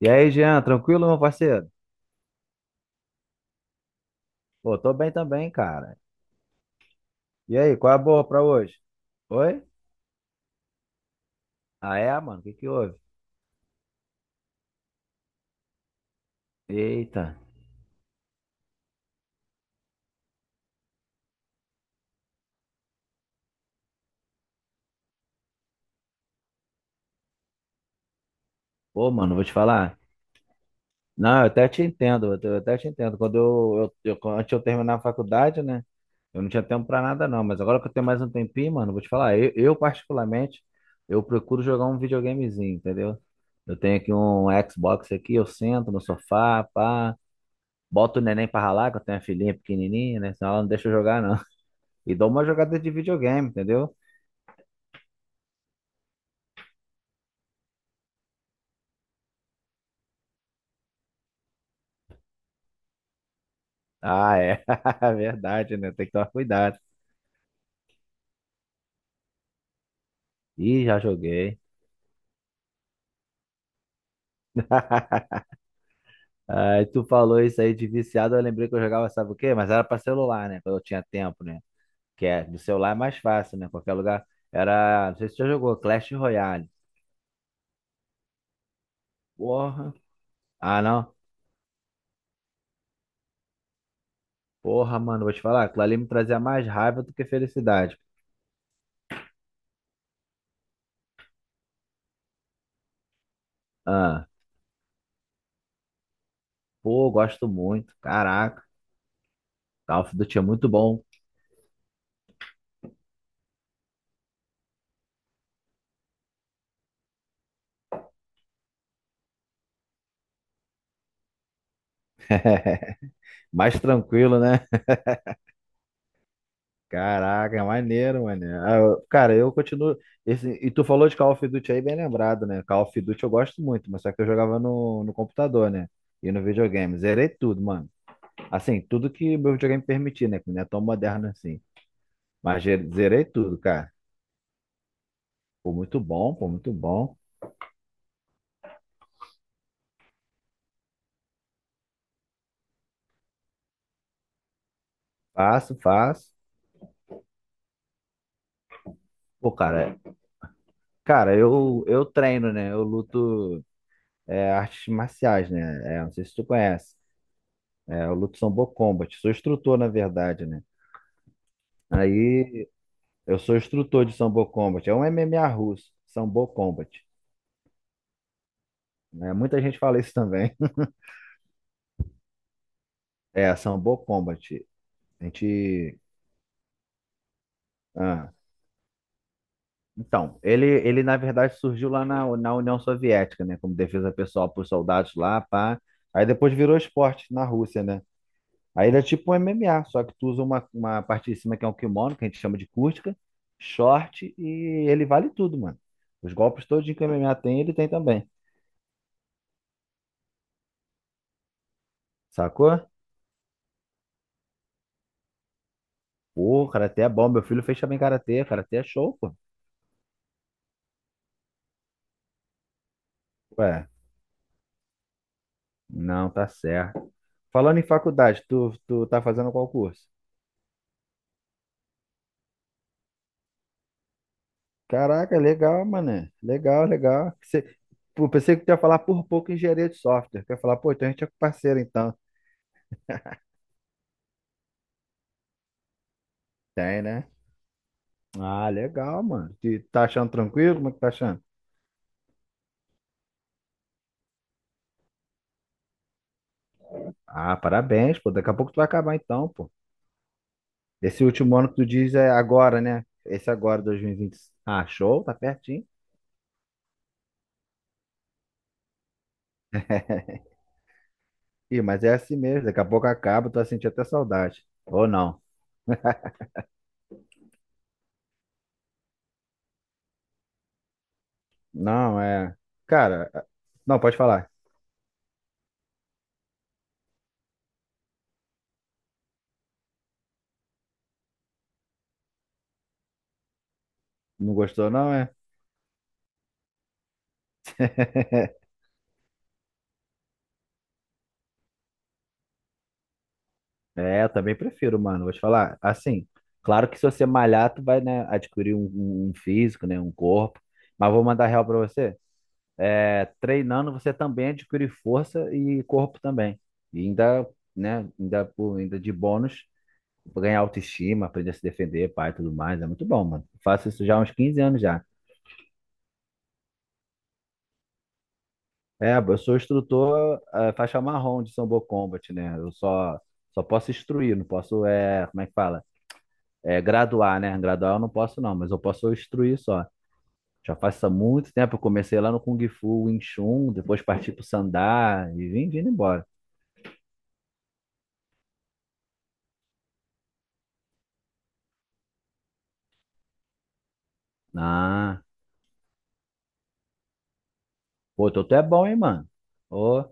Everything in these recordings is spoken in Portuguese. E aí, Jean, tranquilo, meu parceiro? Pô, tô bem também, cara. E aí, qual é a boa pra hoje? Oi? Ah, é, mano? O que que houve? Eita. Pô, mano, vou te falar. Não, eu até te entendo, eu até te entendo. Quando antes de eu terminar a faculdade, né? Eu não tinha tempo pra nada, não. Mas agora que eu tenho mais um tempinho, mano, vou te falar. Particularmente, eu procuro jogar um videogamezinho, entendeu? Eu tenho aqui um Xbox aqui, eu sento no sofá, pá. Boto o neném pra ralar, que eu tenho a filhinha pequenininha, né? Senão ela não deixa eu jogar, não. E dou uma jogada de videogame, entendeu? Ah, é. Verdade, né? Tem que tomar cuidado. Ih, já joguei. Aí tu falou isso aí de viciado, eu lembrei que eu jogava, sabe o quê? Mas era pra celular, né? Quando eu tinha tempo, né? Que é, do celular é mais fácil, né? Qualquer lugar. Era, não sei se tu já jogou, Clash Royale. Porra. Ah, não. Porra, mano, vou te falar. Aquilo ali me trazia mais raiva do que felicidade. Ah, pô, gosto muito. Caraca. Call of Duty é muito bom. Mais tranquilo, né? Caraca, maneiro, mano. Cara, eu continuo. Esse... E tu falou de Call of Duty aí, bem lembrado, né? Call of Duty eu gosto muito, mas só que eu jogava no computador, né? E no videogame. Zerei tudo, mano. Assim, tudo que meu videogame permitir, né? Que não é tão moderno assim. Mas zerei tudo, cara. Pô, muito bom, pô, muito bom. Faço, faço. Pô, cara, cara, eu treino, né? Eu luto artes marciais, né? É, não sei se tu conhece. É, eu luto Sambo Combat. Sou instrutor, na verdade, né? Aí. Eu sou instrutor de Sambo Combat. É um MMA russo, Sambo Combat. Né? Muita gente fala isso também. É, Sambo Combat. A gente. ah, Então, ele na verdade surgiu lá na União Soviética, né? Como defesa pessoal para os soldados lá, pá. Aí depois virou esporte na Rússia, né? Aí ele é tipo um MMA, só que tu usa uma parte de cima que é um kimono, que a gente chama de kurtka, short, e ele vale tudo, mano. Os golpes todos que o MMA tem, ele tem também. Sacou? Pô, karatê é bom. Meu filho fez também karatê. Karatê é show, pô. Ué, não, tá certo. Falando em faculdade, tu tá fazendo qual curso? Caraca, legal, mané. Legal, legal. Você, pô, pensei que tu ia falar por pouco engenharia de software. Quer falar, pô, então a gente é parceiro, então. Tem, né? Ah, legal, mano. Tu tá achando tranquilo? Como é que tá achando? Ah, parabéns, pô. Daqui a pouco tu vai acabar, então, pô. Esse último ano que tu diz é agora, né? Esse agora, 2020. Ah, show, tá pertinho. Ih, mas é assim mesmo, daqui a pouco acaba, tu vai sentir até saudade. Ou não. Não, é. Cara, é- não, pode falar. Não gostou, não, é? É, eu também prefiro, mano. Vou te falar. Assim, claro que se você malhar, tu vai, né, adquirir um físico, né, um corpo. Mas vou mandar real pra você. É, treinando, você também adquire força e corpo também. E ainda, né, ainda, ainda de bônus, ganhar autoestima, aprender a se defender, pai e tudo mais. É muito bom, mano. Faço isso já há uns 15 anos já. É, eu sou instrutor, faixa marrom de Sambo Combat, né? Só posso instruir, não posso, é, como é que fala? É, graduar, né? Graduar eu não posso, não, mas eu posso instruir só. Já faço há muito tempo, eu comecei lá no Kung Fu, Wing Chun, depois parti pro Sandá e vim vindo embora. Ah, pô, tu é bom, hein, mano? Ô,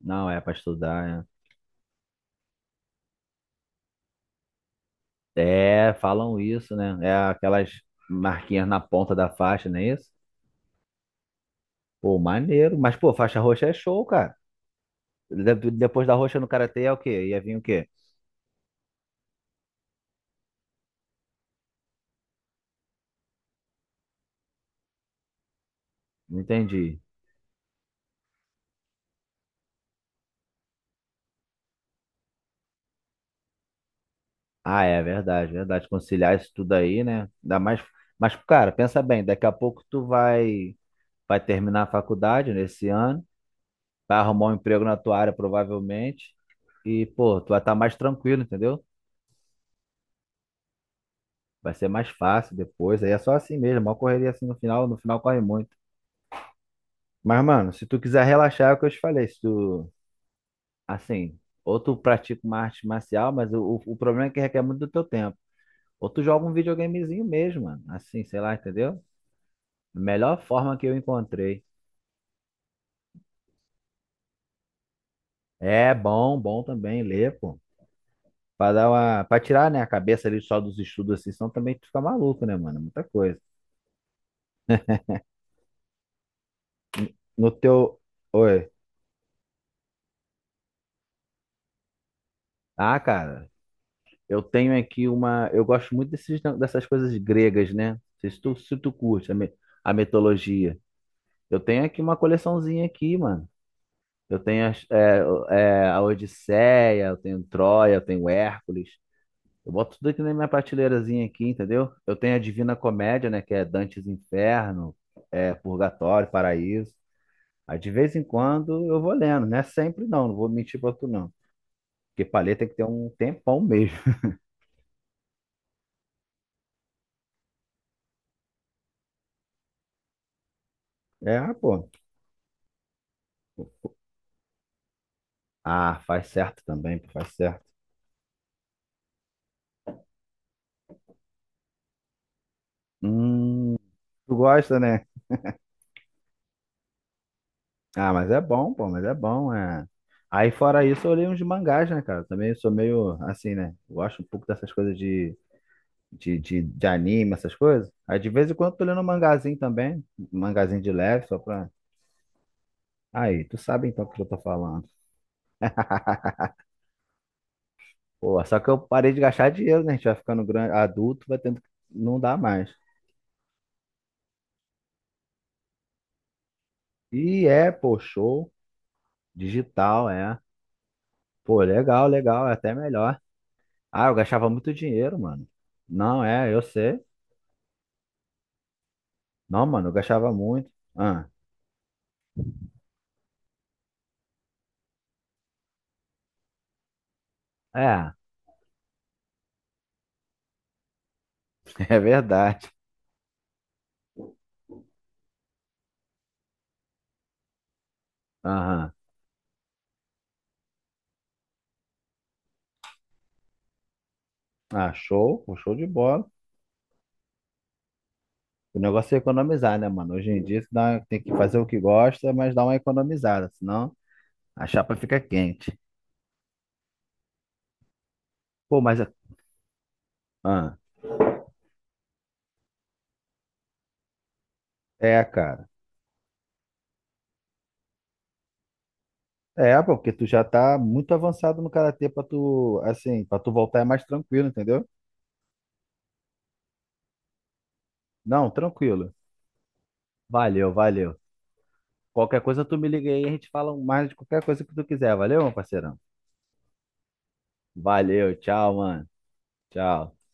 não, é pra estudar, é. É, falam isso, né? É aquelas marquinhas na ponta da faixa, não é isso? Pô, maneiro, mas pô, faixa roxa é show, cara. Depois da roxa no karatê é o quê? Ia vir o quê? Não entendi. Ah, é verdade, verdade. Conciliar isso tudo aí, né? Ainda mais. Mas, cara, pensa bem, daqui a pouco vai terminar a faculdade nesse ano, vai arrumar um emprego na tua área, provavelmente. E, pô, tu vai estar mais tranquilo, entendeu? Vai ser mais fácil depois. Aí é só assim mesmo, uma correria assim no final, no final corre muito. Mas, mano, se tu quiser relaxar, é o que eu te falei. Se tu, assim, ou tu pratica uma arte marcial, mas o problema é que requer muito do teu tempo. Ou tu joga um videogamezinho mesmo, mano. Assim, sei lá, entendeu? Melhor forma que eu encontrei. É bom, bom também ler, pô. Pra dar uma, pra tirar, né, a cabeça ali só dos estudos assim, senão também tu fica maluco, né, mano? Muita coisa. No teu. Oi. Ah, cara, eu tenho aqui uma. Eu gosto muito dessas coisas gregas, né? Não sei se tu curte a mitologia. Eu tenho aqui uma coleçãozinha aqui, mano. Eu tenho as- é, é, a Odisseia, eu tenho Troia, eu tenho Hércules. Eu boto tudo aqui na minha prateleirazinha aqui, entendeu? Eu tenho a Divina Comédia, né? Que é Dantes Inferno, é Purgatório, Paraíso. Aí de vez em quando eu vou lendo, não é sempre não, não vou mentir pra tu não. Porque paleta tem que ter um tempão mesmo. É, ah, pô. Ah, faz certo também, pô, faz certo. Hum, tu gosta, né? Ah, mas é bom, pô, mas é bom, é. Aí fora isso, eu leio uns de mangás, né, cara? Também sou meio assim, né? Gosto um pouco dessas coisas de anime, essas coisas. Aí de vez em quando tô lendo um mangazinho também, um mangazinho de leve, só pra. Aí, tu sabe então o que eu tô falando. Pô, só que eu parei de gastar dinheiro, né? A gente vai ficando grande, adulto, vai tendo que. Não dá mais. E é, pô, show. Digital, é. Pô, legal, legal, é até melhor. Ah, eu gastava muito dinheiro, mano. Não, é, eu sei. Não, mano, eu gastava muito. Ah, é, é verdade. Aham. Ah, show, pô, show de bola. O negócio é economizar, né, mano? Hoje em dia tem que fazer o que gosta, mas dá uma economizada, senão a chapa fica quente. Pô, mas. Ah, é, cara. É, pô, porque tu já tá muito avançado no karatê pra tu, assim, pra tu voltar é mais tranquilo, entendeu? Não, tranquilo. Valeu, valeu. Qualquer coisa tu me liga aí, a gente fala mais de qualquer coisa que tu quiser, valeu, meu parceirão? Valeu, tchau, mano. Tchau.